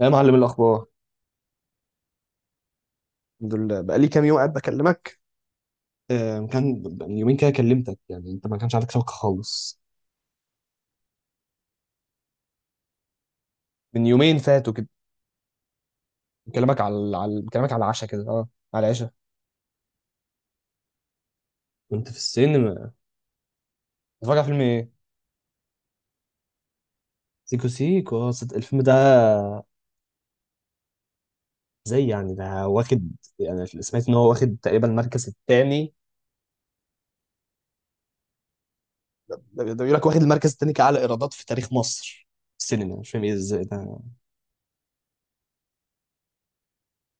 يا معلم الاخبار. الحمد لله بقالي كام يوم قاعد بكلمك. كان من يومين كده كلمتك، يعني انت ما كانش عندك شبكه خالص. من يومين فاتوا كده، بكلمك على العشاء كده، على العشاء. كنت في السينما، بتتفرج على فيلم ايه؟ سيكو سيكو، الفيلم ده. زي يعني ده واخد يعني سمعت ان هو واخد تقريبا المركز الثاني. ده بيقول لك، واخد المركز الثاني كأعلى ايرادات في تاريخ مصر في السينما. مش فاهم ايه ازاي ده.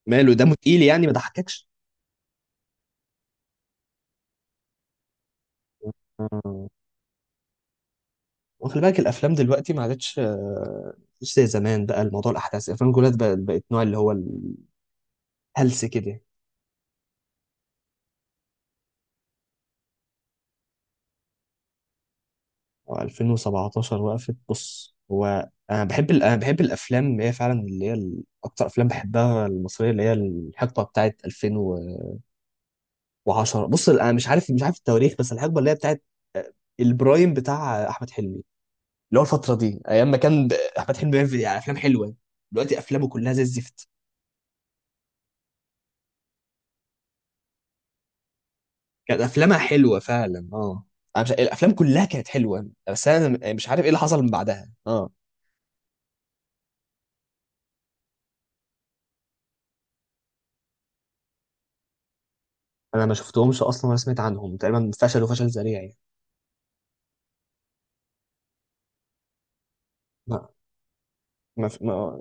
ماله؟ ده تقيل يعني، ما ضحككش. آه. وخلي بالك الافلام دلوقتي ما عادتش، مش زي زمان بقى. الموضوع الاحداث الافلام كلها بقت نوع اللي هو الهلس كده. و2017 وقفت. بص، هو انا بحب الافلام اللي هي فعلا اكتر افلام بحبها المصريه اللي هي الحقبه بتاعت 2010. بص انا مش عارف التواريخ، بس الحقبه اللي هي بتاعت، آه، البرايم بتاع احمد حلمي، اللي هو الفتره دي ايام ما كان احمد حلمي بيعمل يعني افلام حلوه. دلوقتي افلامه كلها زي الزفت. كانت افلامها حلوه فعلا، اه. انا مش الافلام كلها كانت حلوه، بس انا مش عارف ايه اللي حصل من بعدها، اه. انا ما شفتهمش اصلا ولا سمعت عنهم، تقريبا فشلوا فشل ذريع يعني. ما ما ما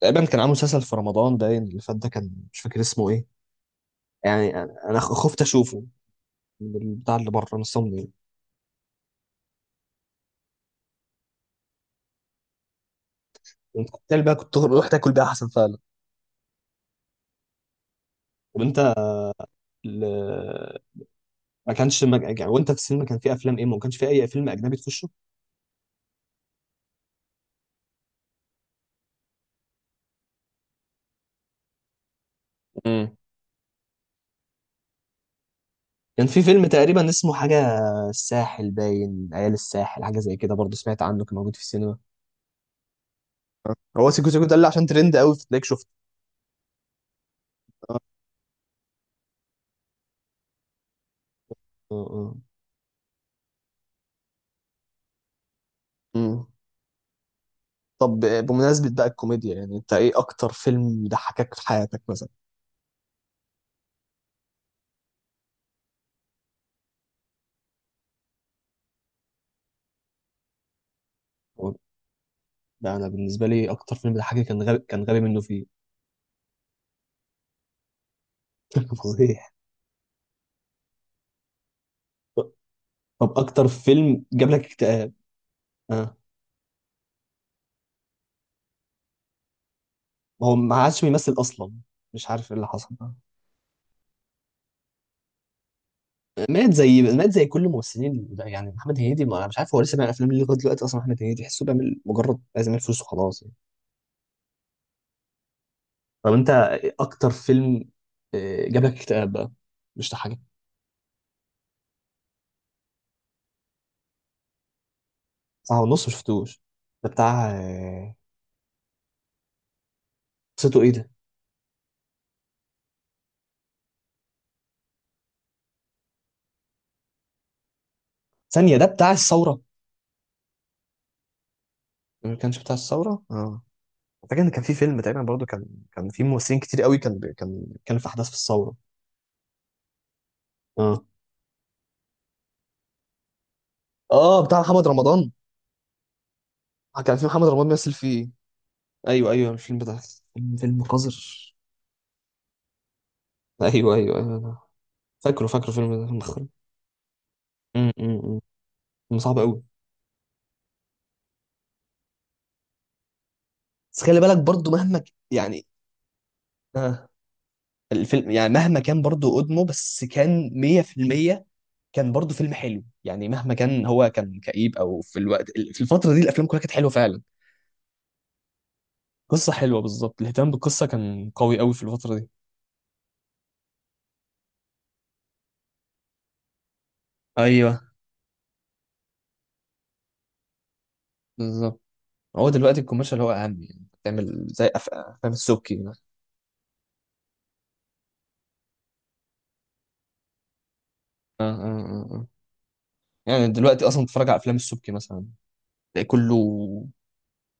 تقريبا كان عامل مسلسل في رمضان باين اللي فات ده، كان مش فاكر اسمه ايه. يعني انا خفت اشوفه من البتاع اللي بره من الصمم يعني. كنت رحت اكل بيها احسن فعلا. طب انت، ال- ما كانش ما... يعني وانت في السينما كان في افلام ايه؟ ما كانش في اي فيلم اجنبي تخشه؟ كان في فيلم تقريبا اسمه حاجة الساحل باين، عيال الساحل حاجة زي كده برضه، سمعت عنه كان موجود في السينما. هو سيكو سيكو ده اللي عشان ترند قوي فتلاقيك شفته. آه. اه، اه. أمم. طب بمناسبة بقى الكوميديا، يعني انت ايه اكتر فيلم ضحكك في حياتك مثلا؟ ده انا بالنسبة لي اكتر فيلم ضحكني كان غبي منه فيه. فضيح. طب اكتر فيلم جاب لك اكتئاب؟ اه. ما هو ما عادش بيمثل اصلا، مش عارف ايه اللي حصل. مات زي كل الممثلين ده يعني. محمد هنيدي، ما أنا مش عارف هو لسه بيعمل افلام ليه لغايه دلوقتي اصلا. محمد هنيدي تحسه بيعمل مجرد عايز يعمل فلوس وخلاص يعني. طب انت إيه اكتر فيلم، جاب لك اكتئاب بقى؟ مش ده حاجه. ساعه ونص ما شفتوش، ده بتاع، قصته ايه ده؟ ثانيه، ده بتاع الثوره؟ ما كانش بتاع الثوره؟ اه. فاكر ان كان في فيلم تقريبا برضه، كان في ممثلين كتير قوي، كان بي- كان كان في احداث في الثوره. اه، اه. بتاع محمد رمضان. كان في محمد رمضان بيمثل فيه. ايوه، ايوه، الفيلم ده كان فيلم قذر. ايوه، ايوه، ايوه. فاكره، فاكره، فيلم ده مخرب. أمم. فيلم صعب قوي. بس خلي بالك برضو مهما يعني. آه. الفيلم يعني مهما كان برضو قدمه، بس كان 100% كان برضو فيلم حلو، يعني مهما كان هو كان كئيب، او في الوقت في الفتره دي الافلام كلها كانت حلوه فعلا. قصه حلوه بالظبط، الاهتمام بالقصه كان قوي قوي في الفتره دي. ايوه، بالظبط. هو دلوقتي الكوميرشال هو اهم، يعني تعمل زي افلام السبكي. آه، آه، آه. آه. يعني دلوقتي اصلا بتتفرج على افلام السبكي مثلا، تلاقي كله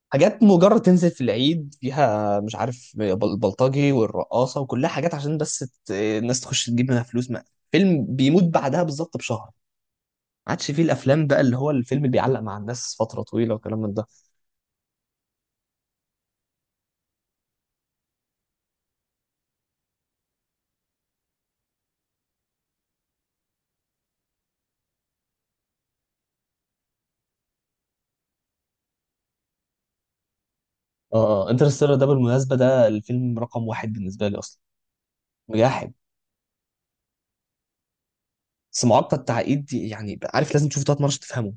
حاجات مجرد تنزل في العيد فيها، مش عارف البلطجي والرقاصة، وكلها حاجات عشان بس الناس تخش تجيب منها فلوس. ما. فيلم بيموت بعدها بالظبط بشهر. ما عادش فيه الافلام بقى اللي هو الفيلم اللي بيعلق مع الناس فترة طويلة وكلام من ده. اه، انترستيلر ده بالمناسبة ده الفيلم رقم واحد بالنسبة لي اصلا. مجاحد، بس معقد، التعقيد دي يعني عارف لازم تشوفه ثلاث مرات عشان تفهمه.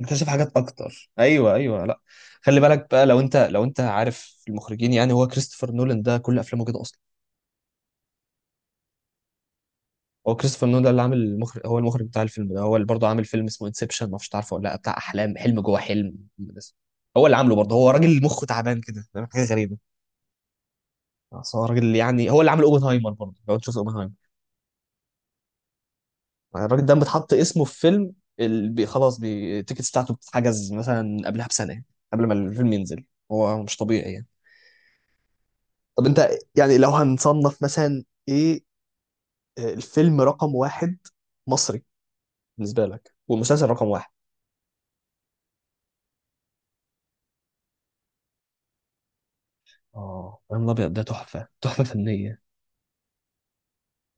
انت شايف حاجات اكتر، ايوه، ايوه. لا، خلي بالك بقى، لو انت عارف المخرجين، يعني هو كريستوفر نولان ده كل افلامه كده. هو كريستوفر نولان اللي عامل المخرج، هو المخرج بتاع الفيلم ده، هو اللي برضه عامل فيلم اسمه انسبشن، ما اعرفش تعرفه ولا لا، بتاع احلام، حلم جوه حلم. هو اللي عامله برضه، هو راجل مخه تعبان كده، فاهم؟ حاجه غريبه. بس هو راجل يعني، هو اللي عامل اوبنهايمر برضه، لو انت شفت اوبنهايمر. الراجل ده بتحط اسمه في فيلم، التيكتس بتاعته بتتحجز مثلا قبلها بسنه قبل ما الفيلم ينزل. هو مش طبيعي يعني. طب انت، يعني لو هنصنف مثلا ايه، الفيلم رقم واحد مصري بالنسبه لك، والمسلسل رقم واحد. اه، ابراهيم الابيض ده تحفه، تحفه فنيه.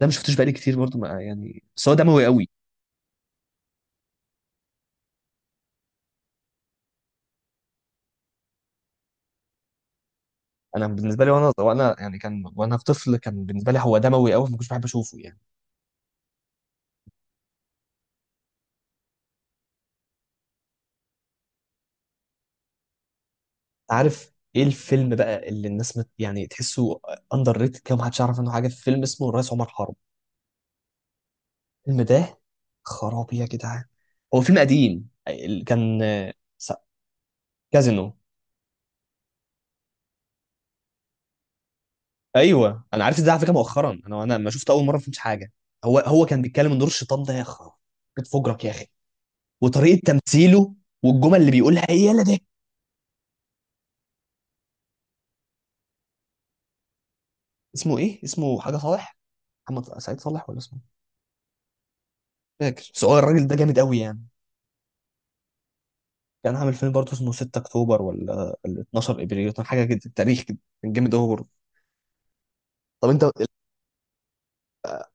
ده ما شفتوش بقالي كتير برضو، ما يعني، بس هو دموي قوي. انا بالنسبه لي وانا يعني كان، وانا طفل كان بالنسبه لي هو دموي قوي فما كنتش بحب اشوفه يعني. عارف ايه الفيلم بقى اللي الناس مت يعني تحسه اندر ريتد كده ومحدش يعرف عنه حاجه؟ فيلم اسمه الرئيس عمر حرب. الفيلم ده خرابي يا جدعان. هو فيلم قديم، كان كازينو. ايوه، انا عرفت ده على فكره مؤخرا. انا ما شفته اول مره ما فهمتش حاجه. هو كان بيتكلم ان دور الشيطان ده، يا خرابي، بتفجرك يا اخي. وطريقه تمثيله، والجمل اللي بيقولها هي، يلا ده. اسمه ايه؟ اسمه حاجه صالح، محمد سعيد صالح، ولا اسمه؟ مش فاكر. بس هو الراجل ده جامد قوي يعني. كان عامل فيلم برضه اسمه 6 اكتوبر ولا ال 12 ابريل، كان حاجه كده تاريخ كده، كان جامد قوي برضه. طب انت،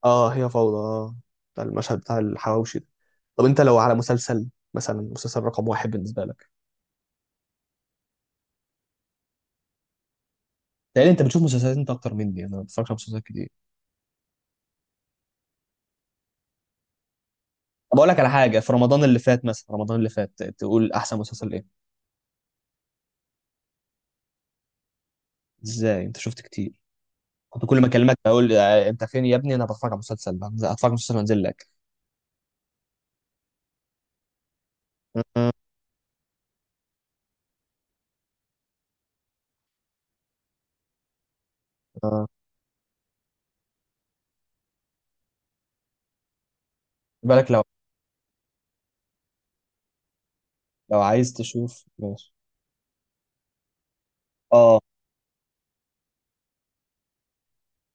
اه هي فوضى، اه، بتاع المشهد بتاع الحواوشي ده. طب انت لو على مسلسل مثلا، مسلسل رقم واحد بالنسبه لك. تقريبا انت بتشوف مسلسلات انت اكتر مني، انا ما بتفرجش على مسلسلات كتير. طب اقول لك على حاجه. في رمضان اللي فات مثلا، رمضان اللي فات، تقول احسن مسلسل ايه؟ ازاي؟ انت شفت كتير. كنت كل ما اكلمك اقول انت فين يا ابني، انا بتفرج على مسلسل، بنزل اتفرج على مسلسل وانزل لك. آه، آه. بالك لو عايز تشوف، ماشي. اه،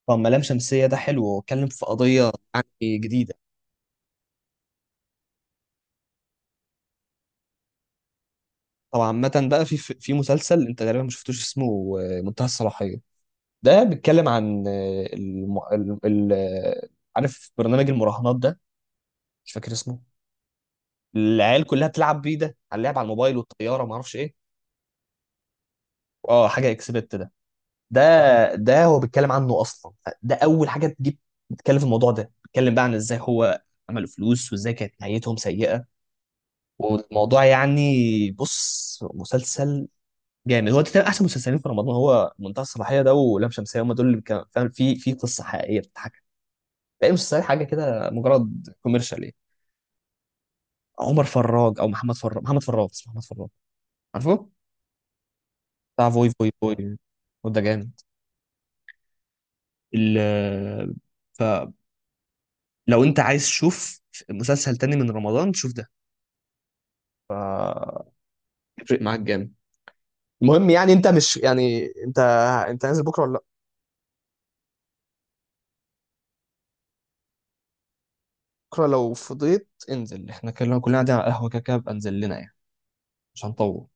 طب ملام شمسية ده حلو واتكلم في قضية يعني جديدة. طبعا عامة بقى، في مسلسل انت غالبا ما شفتوش اسمه منتهى الصلاحية. ده بيتكلم عن آه، الم... ال... ال... آه، عارف برنامج المراهنات ده؟ مش فاكر اسمه. العيال كلها بتلعب بيه، ده على اللعب على الموبايل والطيارة، ما اعرفش ايه. اه، حاجة اكسبت ده ده هو بيتكلم عنه اصلا، ده اول حاجه تجيب بتتكلم في الموضوع ده، بيتكلم بقى عن ازاي هو عملوا فلوس وازاي كانت نهايتهم سيئه. والموضوع يعني بص، مسلسل جامد. هو ده تقريباً احسن مسلسلين في رمضان، هو منتهى الصلاحيه ده ولام شمسيه. هم دول اللي كان فعلا في قصه حقيقيه بتتحكى. باقي المسلسلات حاجه كده مجرد كوميرشال. ايه، عمر فراج او محمد فراج، محمد فراج، اسمه محمد فراج. عارفه؟ بتاع فوي فوي فوي. وده جامد. ال- ف لو انت عايز تشوف مسلسل تاني من رمضان شوف ده فهيفرق معاك جامد. المهم يعني، انت مش يعني انت انت نازل بكره ولا لأ؟ بكره لو فضيت انزل، احنا كلنا قاعدين على القهوه، كده بقى انزل لنا يعني، مش هنطول.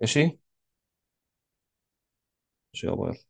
ماشي، ماشي، يا باي.